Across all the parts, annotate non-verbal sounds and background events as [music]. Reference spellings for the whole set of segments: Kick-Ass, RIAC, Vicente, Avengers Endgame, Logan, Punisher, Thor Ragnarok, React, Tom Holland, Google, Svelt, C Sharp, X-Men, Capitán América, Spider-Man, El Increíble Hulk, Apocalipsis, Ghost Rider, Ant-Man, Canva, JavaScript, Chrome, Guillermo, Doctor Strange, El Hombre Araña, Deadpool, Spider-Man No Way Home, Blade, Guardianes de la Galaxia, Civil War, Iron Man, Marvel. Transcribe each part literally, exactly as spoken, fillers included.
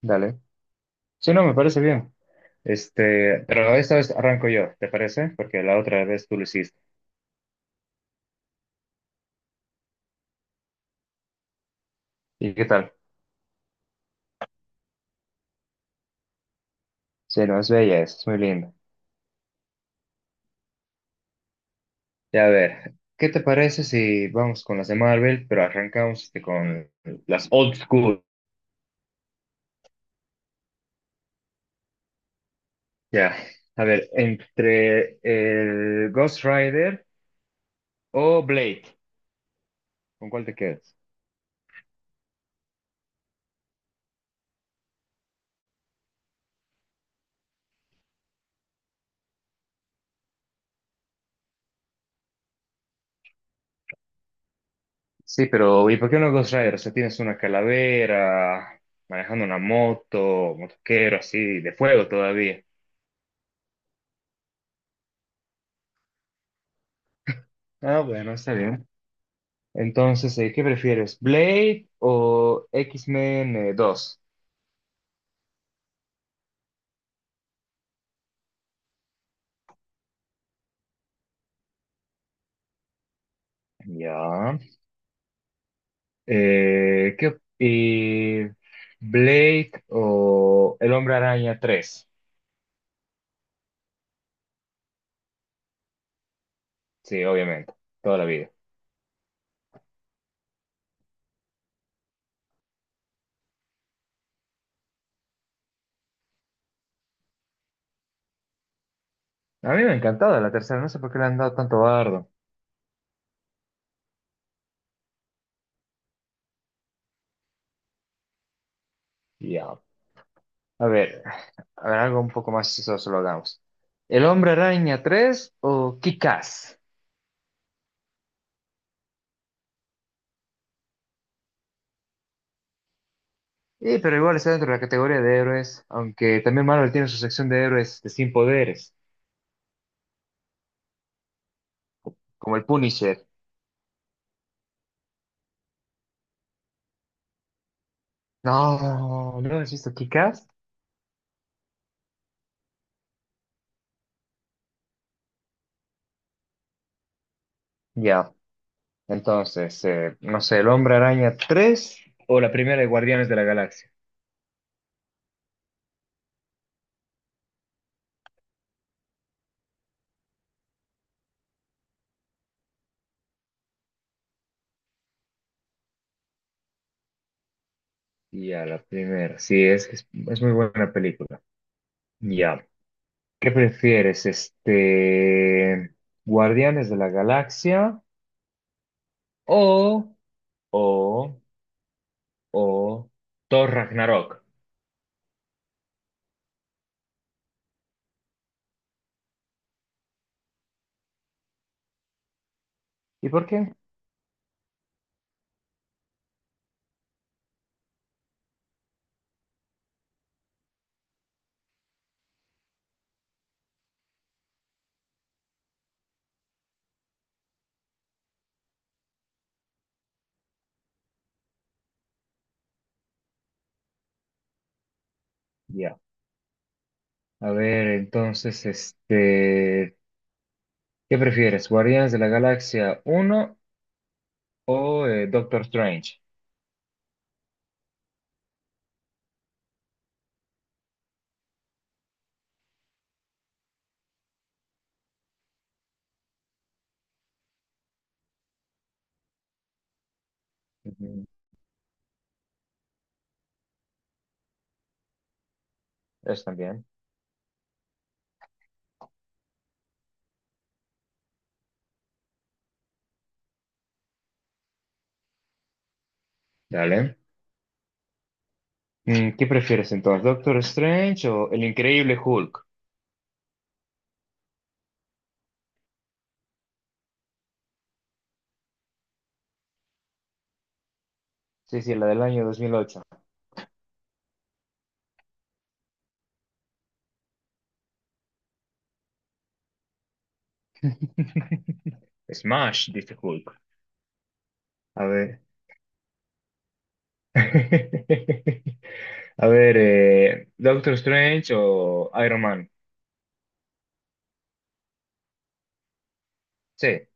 Dale. Sí, no, me parece bien. Este, pero esta vez arranco yo, ¿te parece? Porque la otra vez tú lo hiciste. ¿Y qué tal? Sí, no, es bella, es muy linda. Ya, a ver, ¿qué te parece si vamos con las de Marvel, pero arrancamos este, con las old school? Ya, a ver, entre el Ghost Rider o Blade, ¿con cuál te quedas? Sí, pero ¿y por qué no Ghost Rider? O sea, tienes una calavera, manejando una moto, motoquero así, de fuego todavía. Ah, bueno, está bien. Entonces, eh, ¿qué prefieres? ¿Blade o X-Men eh, dos? Ya. Eh, ¿qué, y Blade o El Hombre Araña tres? Sí, obviamente, toda la vida. A mí me ha encantado la tercera, no sé por qué le han dado tanto bardo. Ya. A ver, a ver, algo un poco más chistoso lo hagamos. ¿El Hombre Araña tres o Kick-Ass? Sí, pero igual está dentro de la categoría de héroes, aunque también Marvel tiene su sección de héroes de sin poderes. Como el Punisher. No, ¿no has visto Kick-Ass? Ya, entonces, eh, no sé, el Hombre Araña tres o la primera de Guardianes de la Galaxia. Ya, la primera, sí, es, es, es muy buena película. Ya, ¿qué prefieres, este, Guardianes de la Galaxia o, o, o Thor Ragnarok? ¿Y por qué? Ya, a ver, entonces, este, ¿qué prefieres, Guardianes de la Galaxia uno o eh, Doctor Strange? Ujú. Es también. Dale. Mm, ¿Qué prefieres entonces, Doctor Strange o El Increíble Hulk? Sí, sí, la del año dos mil ocho. [laughs] Smash, dice Hulk. A ver. [laughs] A ver, eh, Doctor Strange o Iron Man. Sí,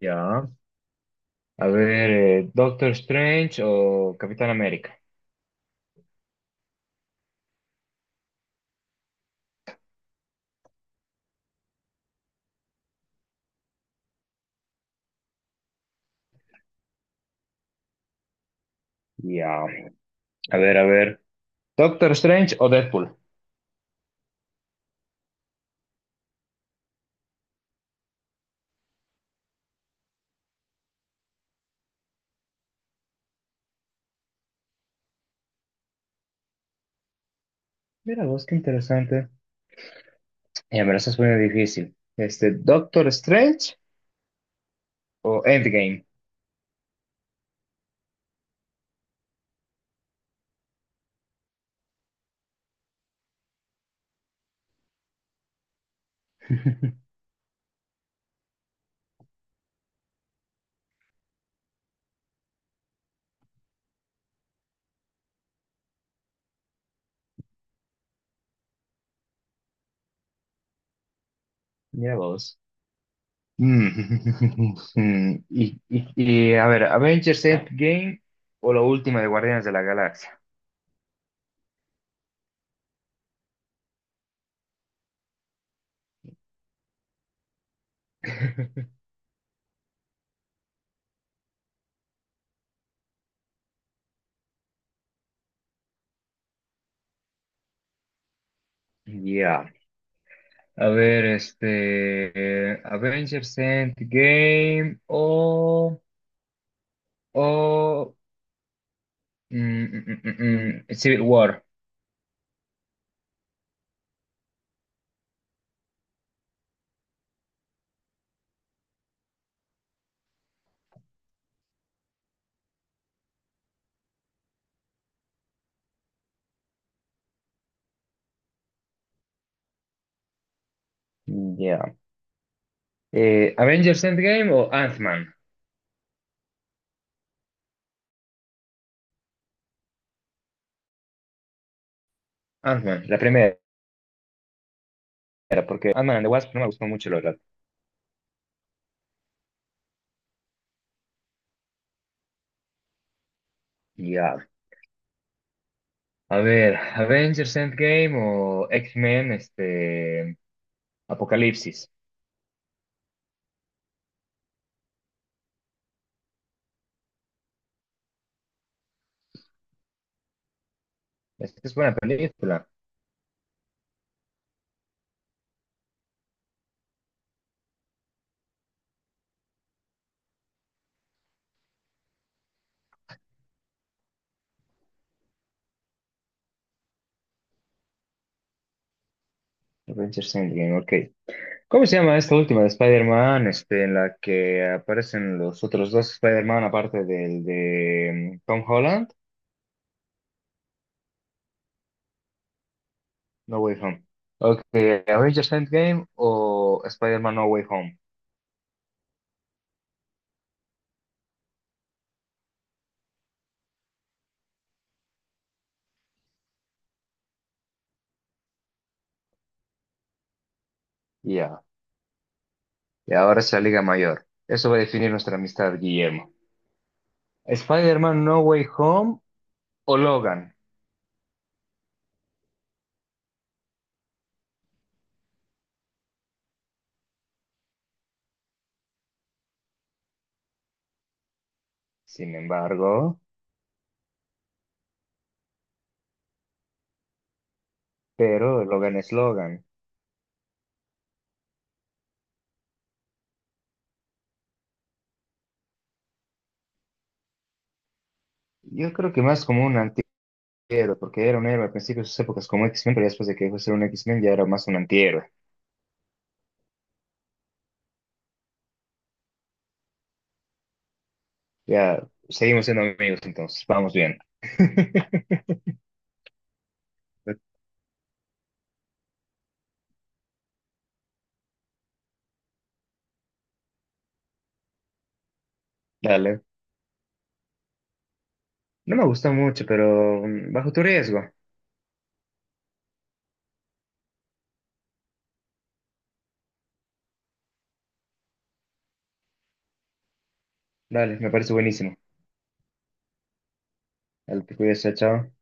ya. A ver, eh, Doctor Strange o Capitán América. Ya. A ver, a ver. Doctor Strange o Deadpool. Mira vos, qué interesante. Ya me lo estás poniendo difícil. Este, Doctor Strange o Endgame. [laughs] Mira vos. Mm, [laughs] mm, Y, y, y, a ver, Avengers Endgame o la última de Guardianes de la Galaxia. [laughs] Ya. A ver, este, eh, Avengers Endgame o, o mm, mm, mm, mm, mm, Civil War. Ya. Eh, Avengers Endgame o Ant-Man. Ant-Man, la primera. Era porque Ant-Man and the Wasp no me gustó mucho, la verdad. Ya, a ver, Avengers Endgame o X-Men, este, Apocalipsis. Esta es buena película. Avengers Endgame, ok. ¿Cómo se llama esta última de Spider-Man, este, en la que aparecen los otros dos Spider-Man aparte del de mm, Tom Holland? No Way Home. Ok, Avengers Endgame o Spider-Man No Way Home. Ya, y ahora es la Liga Mayor. Eso va a definir nuestra amistad, Guillermo. Spider-Man No Way Home o Logan, sin embargo, pero Logan es Logan. Yo creo que más como un antihéroe, porque era un héroe al principio de sus épocas como X-Men, pero ya después de que dejó de ser un X-Men ya era más un antihéroe. Ya, seguimos siendo amigos entonces, vamos bien. [laughs] Dale. No me gusta mucho, pero mm, bajo tu riesgo. Dale, me parece buenísimo. Dale, te cuidas, chao. Chao.